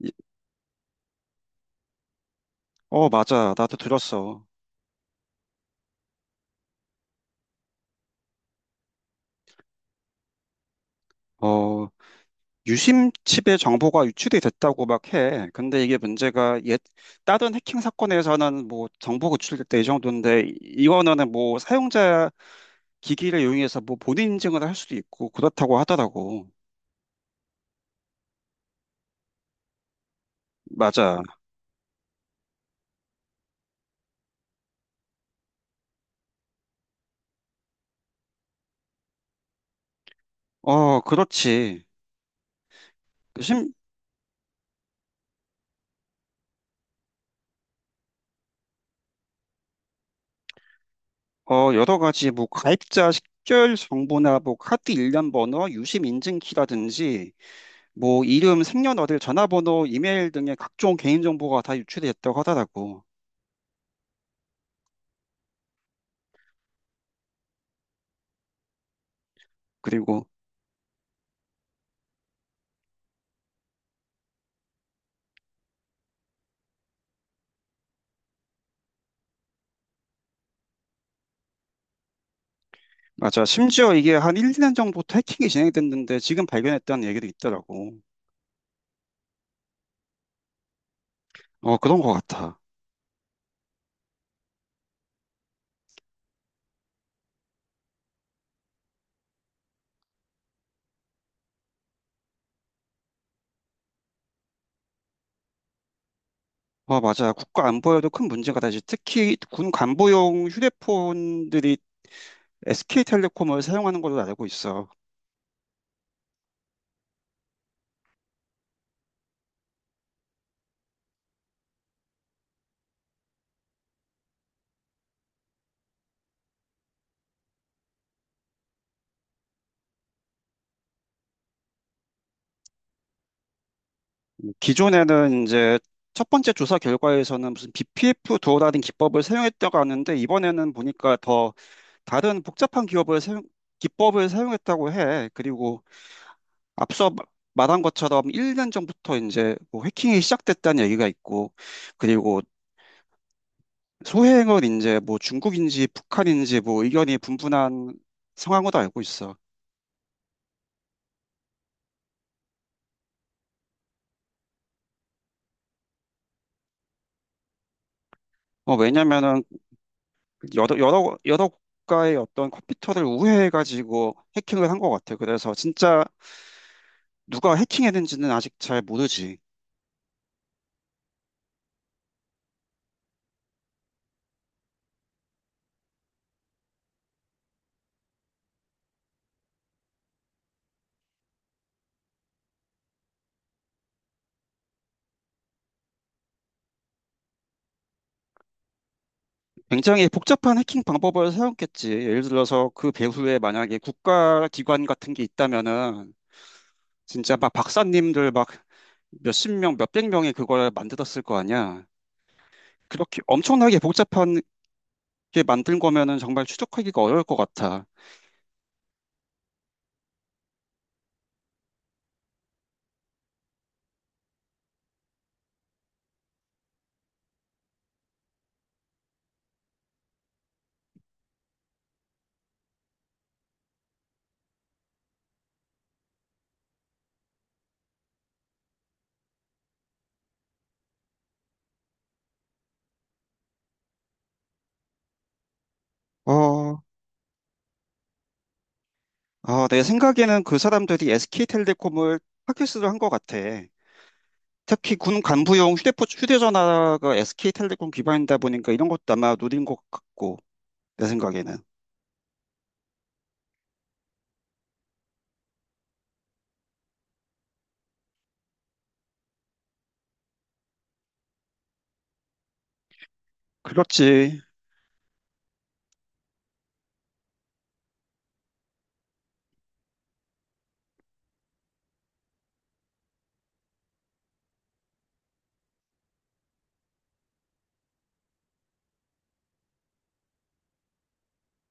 이- 어, 맞아. 나도 들었어. 어, 유심칩의 정보가 유출이 됐다고 막 해. 근데 이게 문제가 옛 다른 해킹 사건에서는 뭐 정보가 유출될 때 이 정도인데 이거는 뭐 사용자 기기를 이용해서 뭐 본인 인증을 할 수도 있고 그렇다고 하더라고. 맞아. 어, 그렇지. 그 심, 어, 여러 가지 뭐 가입자 식별 정보나 뭐 카드 일련 번호, 유심 인증키라든지 뭐 이름, 생년월일, 전화번호, 이메일 등의 각종 개인정보가 다 유출이 됐다고 하더라고. 그리고 맞아. 심지어 이게 한 1, 2년 전부터 해킹이 진행됐는데 지금 발견했다는 얘기도 있더라고. 어, 그런 것 같아. 어, 맞아. 국가 안보에도 큰 문제가 되지. 특히 군 간부용 휴대폰들이 SK텔레콤을 사용하는 걸로 알고 있어. 기존에는 이제 첫 번째 조사 결과에서는 무슨 BPF 도어라는 기법을 사용했다고 하는데 이번에는 보니까 더 다른 복잡한 기업을 사용, 기법을 사용했다고 해. 그리고 앞서 말한 것처럼 1년 전부터 이제 뭐 해킹이 시작됐다는 얘기가 있고, 그리고 소행은 이제 뭐 중국인지 북한인지 뭐 의견이 분분한 상황으로 알고 있어. 왜냐면은 여러 국가의 어떤 컴퓨터를 우회해가지고 해킹을 한 것 같아. 그래서 진짜 누가 해킹했는지는 아직 잘 모르지. 굉장히 복잡한 해킹 방법을 사용했겠지. 예를 들어서 그 배후에 만약에 국가기관 같은 게 있다면은 진짜 막 박사님들 막 몇십 명, 몇백 명이 그걸 만들었을 거 아니야. 그렇게 엄청나게 복잡한 게 만든 거면은 정말 추적하기가 어려울 것 같아. 어, 어, 내 생각에는 그 사람들이 SK텔레콤을 타깃으로 한 것 같아. 특히 군 간부용 휴대폰, 휴대전화가 SK텔레콤 기반이다 보니까 이런 것도 아마 노린 것 같고. 내 생각에는. 그렇지.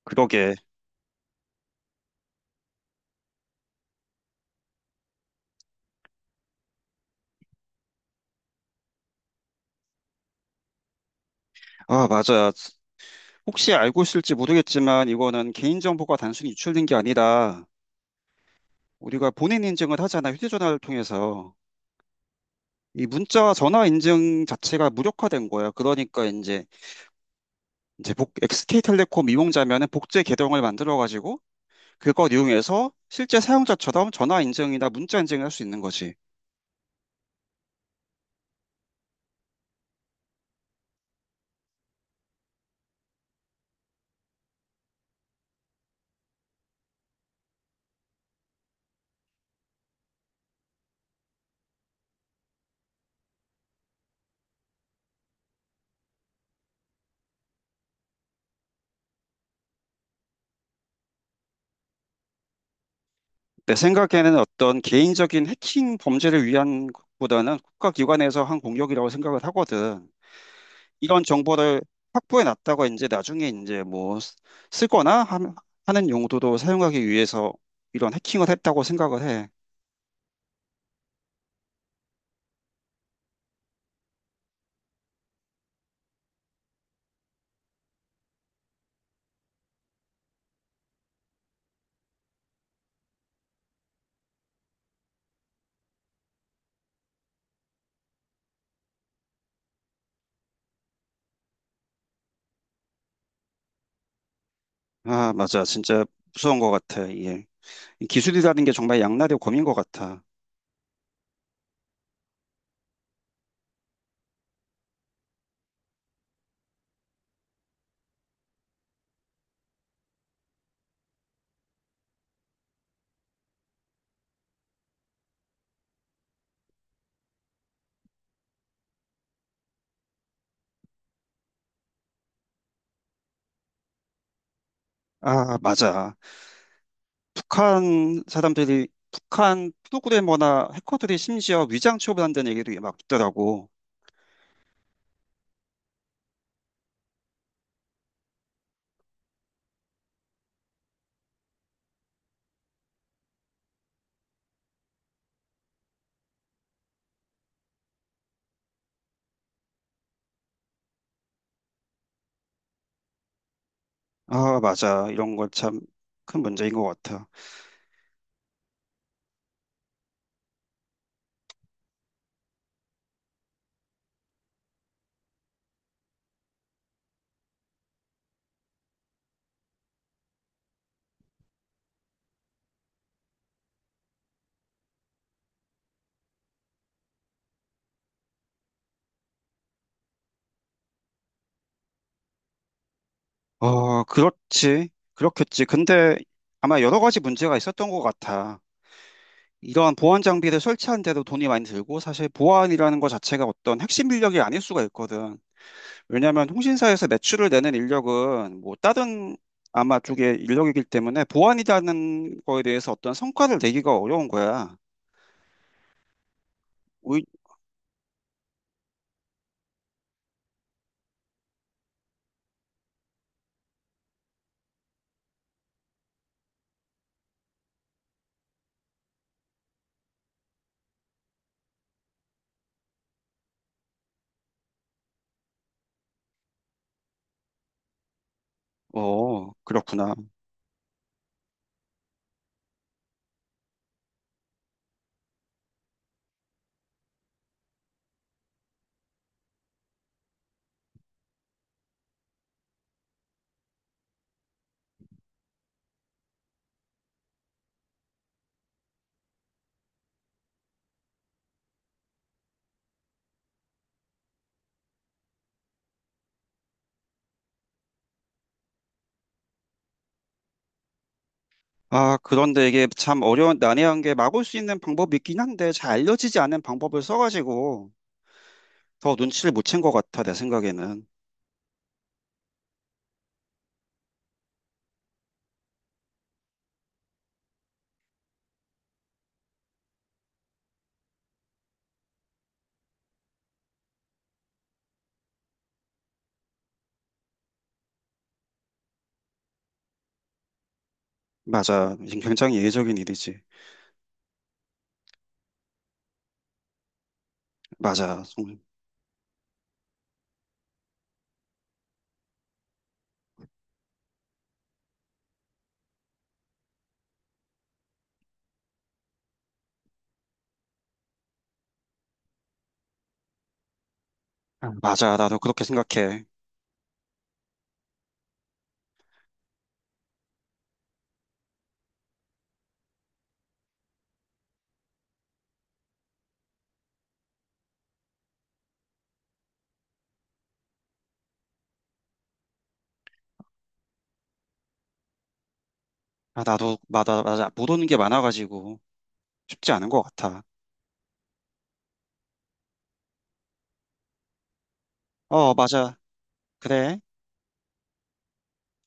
그러게. 아, 맞아. 혹시 알고 있을지 모르겠지만 이거는 개인정보가 단순히 유출된 게 아니라 우리가 본인 인증을 하잖아. 휴대전화를 통해서. 이 문자와 전화 인증 자체가 무력화된 거야. 그러니까 이제 복 SK텔레콤 이용자면은 복제 계정을 만들어 가지고 그걸 이용해서 실제 사용자처럼 전화 인증이나 문자 인증을 할 수 있는 거지. 내 생각에는 어떤 개인적인 해킹 범죄를 위한 것보다는 국가기관에서 한 공격이라고 생각을 하거든. 이런 정보를 확보해 놨다가 이제 나중에 이제 뭐 쓰거나 하는 용도도 사용하기 위해서 이런 해킹을 했다고 생각을 해. 아, 맞아. 진짜 무서운 것 같아. 이게. 이 기술이라는 게 정말 양날의 검인 것 같아. 아, 맞아. 북한 사람들이, 북한 프로그래머나 해커들이 심지어 위장 취업을 한다는 얘기도 막 있더라고. 아, 맞아. 이런 거 참 큰 문제인 것 같아. 어, 그렇지. 그렇겠지. 근데 아마 여러 가지 문제가 있었던 것 같아. 이러한 보안 장비를 설치하는데도 돈이 많이 들고 사실 보안이라는 것 자체가 어떤 핵심 인력이 아닐 수가 있거든. 왜냐하면 통신사에서 매출을 내는 인력은 뭐 다른 아마 쪽의 인력이기 때문에 보안이라는 거에 대해서 어떤 성과를 내기가 어려운 거야. 오이- 어, 그렇구나. 아, 그런데 이게 참 어려운, 난해한 게 막을 수 있는 방법이 있긴 한데 잘 알려지지 않은 방법을 써가지고 더 눈치를 못 챈 것 같아, 내 생각에는. 맞아. 굉장히 예외적인 일이지. 맞아. 아, 맞아. 나도 그렇게 생각해. 아, 나도, 맞아, 맞아. 못 오는 게 많아가지고 쉽지 않은 것 같아. 어, 맞아. 그래.